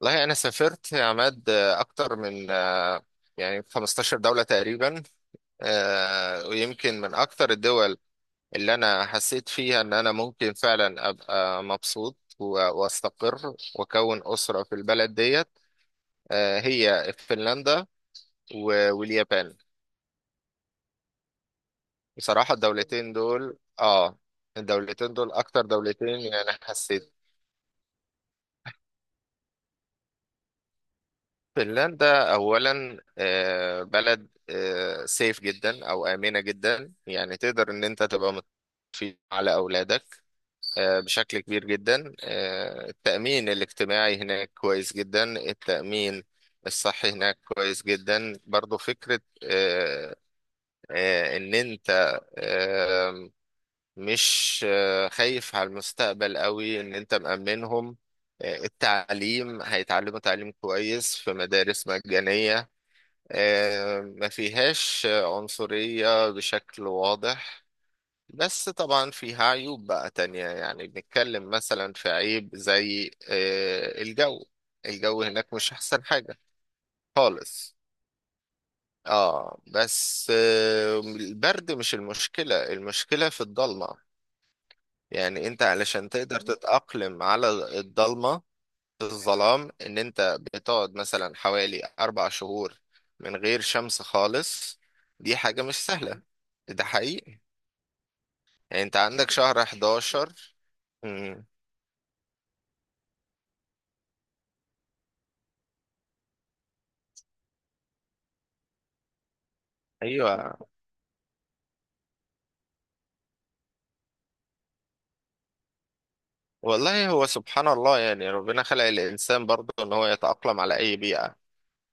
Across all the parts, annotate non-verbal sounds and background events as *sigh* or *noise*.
والله أنا سافرت يا عماد، أكتر من يعني 15 دولة تقريبا. ويمكن من أكتر الدول اللي أنا حسيت فيها إن أنا ممكن فعلا أبقى مبسوط وأستقر وأكون أسرة في البلد ديت هي فنلندا واليابان. بصراحة الدولتين دول أكتر دولتين يعني حسيت. فنلندا أولا بلد سيف جدا أو آمنة جدا، يعني تقدر إن أنت تبقى مطمئن على أولادك بشكل كبير جدا. التأمين الاجتماعي هناك كويس جدا، التأمين الصحي هناك كويس جدا برضو. فكرة إن أنت آه، مش خايف على المستقبل قوي إن أنت مأمنهم. التعليم هيتعلموا تعليم كويس في مدارس مجانية. ما فيهاش عنصرية بشكل واضح. بس طبعا فيها عيوب بقى تانية، يعني بنتكلم مثلا في عيب زي الجو. الجو هناك مش أحسن حاجة خالص. اه بس البرد مش المشكلة، المشكلة في الضلمة. يعني انت علشان تقدر تتأقلم على الضلمة، الظلام، ان انت بتقعد مثلا حوالي اربع شهور من غير شمس خالص، دي حاجة مش سهلة. ده حقيقي. يعني انت عندك شهر 11. مم. ايوه. والله هو سبحان الله، يعني ربنا خلق الانسان برضه ان هو يتأقلم على اي بيئة،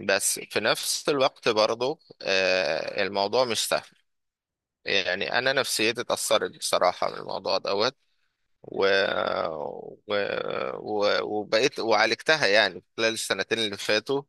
بس في نفس الوقت برضه الموضوع مش سهل. يعني انا نفسيتي اتأثرت بصراحة من الموضوع دوت و... و... وبقيت وعالجتها يعني خلال السنتين اللي فاتوا،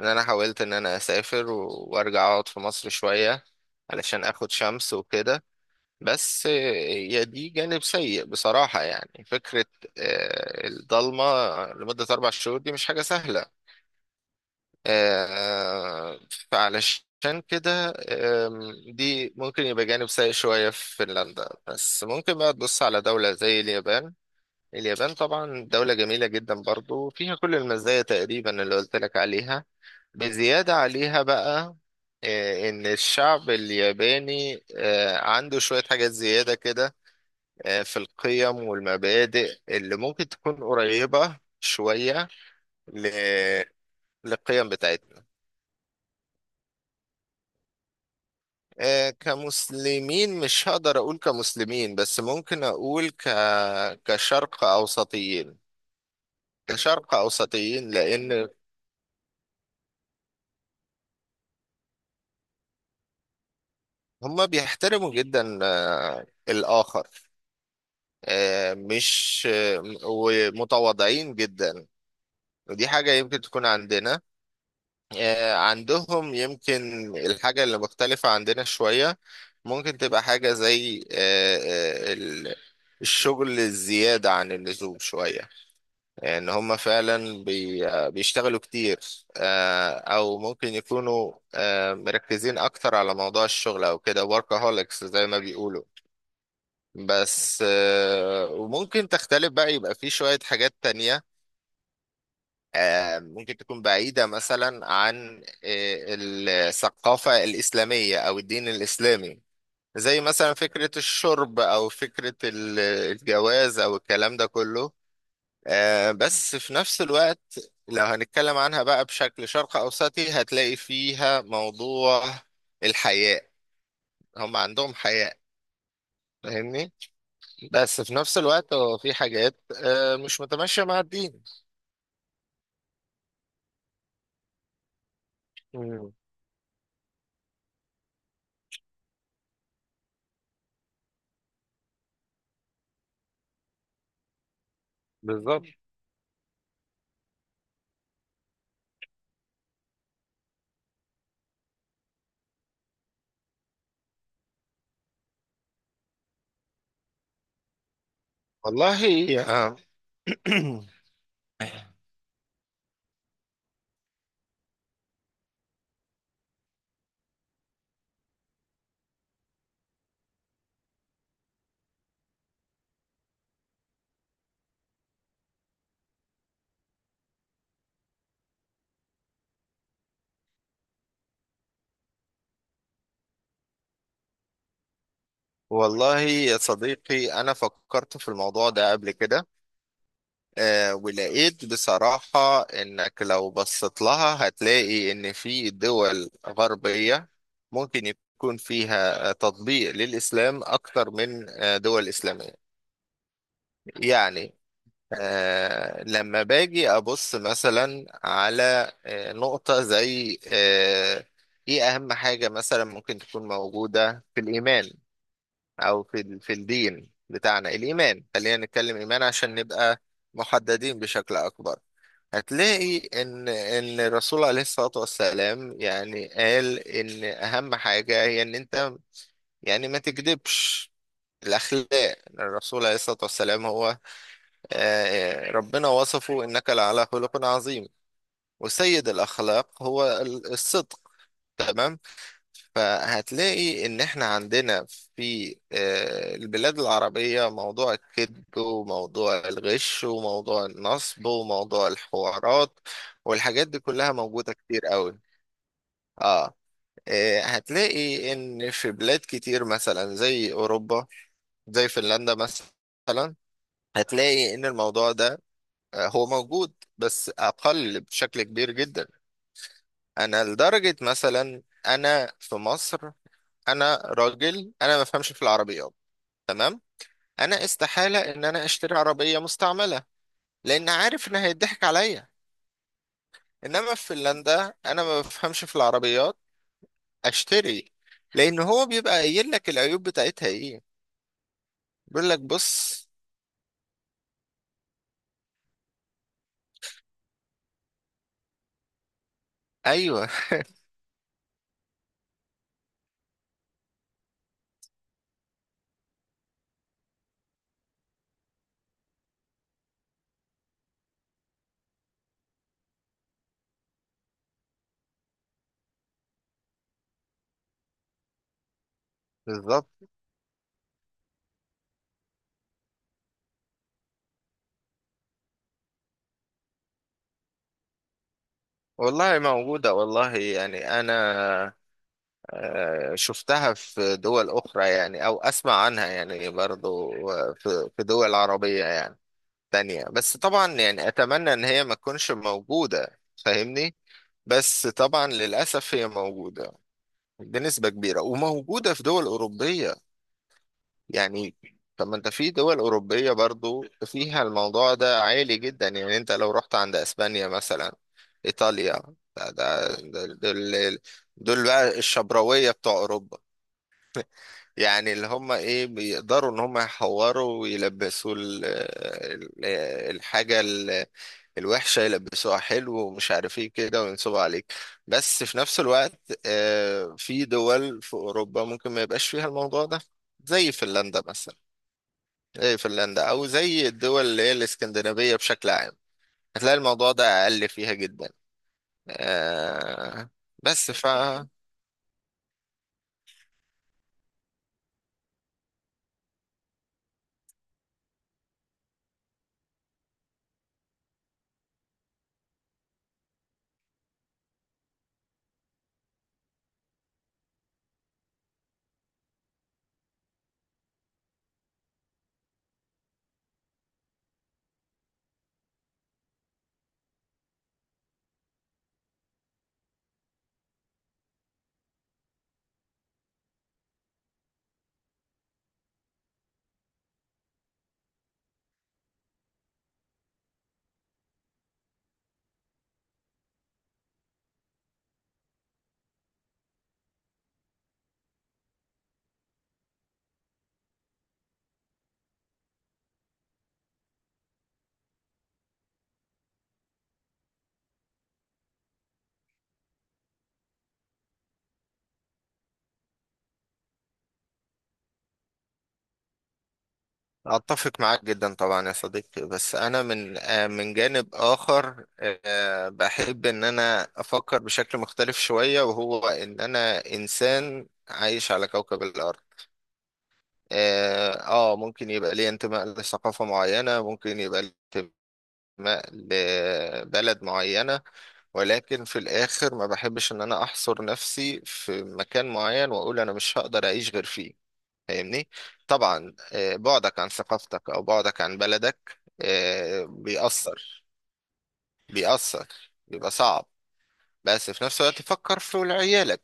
ان انا حاولت ان انا اسافر وارجع اقعد في مصر شوية علشان اخد شمس وكده. بس يا دي جانب سيء بصراحة، يعني فكرة الضلمة لمدة أربع شهور دي مش حاجة سهلة. آه، فعلشان كده دي ممكن يبقى جانب سيء شوية في فنلندا، بس ممكن بقى تبص على دولة زي اليابان. اليابان طبعا دولة جميلة جدا، برضو فيها كل المزايا تقريبا اللي قلت لك عليها بزيادة عليها بقى. إن الشعب الياباني عنده شوية حاجات زيادة كده في القيم والمبادئ اللي ممكن تكون قريبة شوية ل- للقيم بتاعتنا. كمسلمين، مش هقدر أقول كمسلمين، بس ممكن أقول كشرق أوسطيين كشرق أوسطيين لأن هما بيحترموا جدا الآخر، مش ومتواضعين جدا. ودي حاجة يمكن تكون عندنا. عندهم يمكن الحاجة اللي مختلفة عندنا شوية، ممكن تبقى حاجة زي الشغل الزيادة عن اللزوم شوية. إن هم فعلا بيشتغلوا كتير. أو ممكن يكونوا مركزين أكتر على موضوع الشغل أو كده workaholics زي ما بيقولوا. بس وممكن تختلف بقى، يبقى في شوية حاجات تانية ممكن تكون بعيدة مثلا عن الثقافة الإسلامية أو الدين الإسلامي، زي مثلا فكرة الشرب أو فكرة الجواز أو الكلام ده كله. بس في نفس الوقت لو هنتكلم عنها بقى بشكل شرق أوسطي هتلاقي فيها موضوع الحياء. هم عندهم حياء، فاهمني؟ بس في نفس الوقت هو في حاجات مش متماشية مع الدين. مم. بالظبط. والله يا *clears throat* والله يا صديقي، أنا فكرت في الموضوع ده قبل كده. ولقيت بصراحة إنك لو بصيت لها هتلاقي إن في دول غربية ممكن يكون فيها تطبيق للإسلام أكتر من دول إسلامية. يعني لما باجي ابص مثلا على نقطة زي ايه اهم حاجة مثلا ممكن تكون موجودة في الايمان او في في الدين بتاعنا، الايمان خلينا نتكلم ايمان عشان نبقى محددين بشكل اكبر. هتلاقي ان الرسول عليه الصلاة والسلام يعني قال ان اهم حاجة هي ان انت يعني ما تكذبش. الاخلاق، الرسول عليه الصلاة والسلام هو ربنا وصفه إنك لعلى خلق عظيم، وسيد الأخلاق هو الصدق، تمام؟ فهتلاقي إن إحنا عندنا في البلاد العربية موضوع الكذب وموضوع الغش وموضوع النصب وموضوع الحوارات، والحاجات دي كلها موجودة كتير قوي. آه هتلاقي إن في بلاد كتير مثلا زي أوروبا، زي فنلندا مثلا، هتلاقي إن الموضوع ده هو موجود بس اقل بشكل كبير جدا. انا لدرجة مثلا، انا في مصر، انا راجل انا ما بفهمش في العربيات، تمام؟ انا استحالة ان انا اشتري عربية مستعملة، لان عارف ان هيضحك عليا. انما في فنلندا، انا ما بفهمش في العربيات، اشتري، لان هو بيبقى قايل لك العيوب بتاعتها ايه، بيقول لك بص. ايوه. *laughs* بالظبط. والله موجودة، والله يعني انا شفتها في دول أخرى يعني أو أسمع عنها يعني برضو في دول عربية يعني تانية، بس طبعا يعني أتمنى إن هي ما تكونش موجودة، فاهمني؟ بس طبعا للأسف هي موجودة بنسبة كبيرة، وموجودة في دول أوروبية يعني. طب ما أنت في دول أوروبية برضو فيها الموضوع ده عالي جدا، يعني أنت لو رحت عند أسبانيا مثلا، إيطاليا، ده ده- ده- دول دول بقى الشبراوية بتوع أوروبا. يعني اللي هم ايه بيقدروا ان هم يحوروا ويلبسوا الحاجة الوحشة يلبسوها حلو ومش عارف ايه كده وينصبوا عليك. بس في نفس الوقت في دول في اوروبا ممكن ما يبقاش فيها الموضوع ده، زي فنلندا مثلا، زي فنلندا او زي الدول اللي هي الاسكندنافية بشكل عام، هتلاقي الموضوع ده اقل فيها جدا. آه، بس أتفق معاك جدا طبعا يا صديقي. بس أنا من من جانب آخر بحب إن أنا أفكر بشكل مختلف شوية، وهو إن أنا إنسان عايش على كوكب الأرض. آه ممكن يبقى لي انتماء لثقافة معينة، ممكن يبقى لي انتماء لبلد معينة، ولكن في الآخر ما بحبش إن أنا أحصر نفسي في مكان معين وأقول أنا مش هقدر أعيش غير فيه، فاهمني؟ طبعا بعدك عن ثقافتك او بعدك عن بلدك آه، بيأثر بيأثر، بيبقى صعب. بس في نفس الوقت فكر في ولاد عيالك،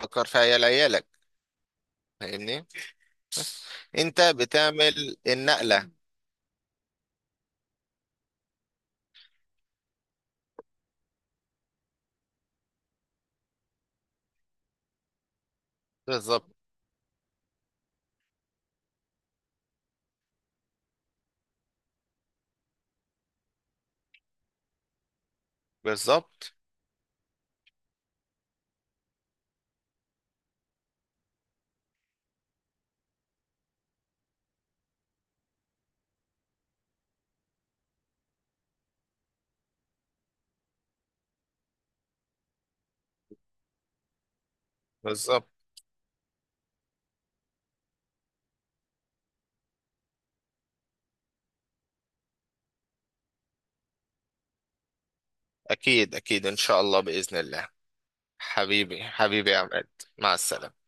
فكر في عيال عيالك، فاهمني؟ انت بتعمل النقلة. بالظبط، بالظبط، بالظبط. اكيد، اكيد، ان شاء الله، بإذن الله. حبيبي، حبيبي يا عماد. مع السلامة.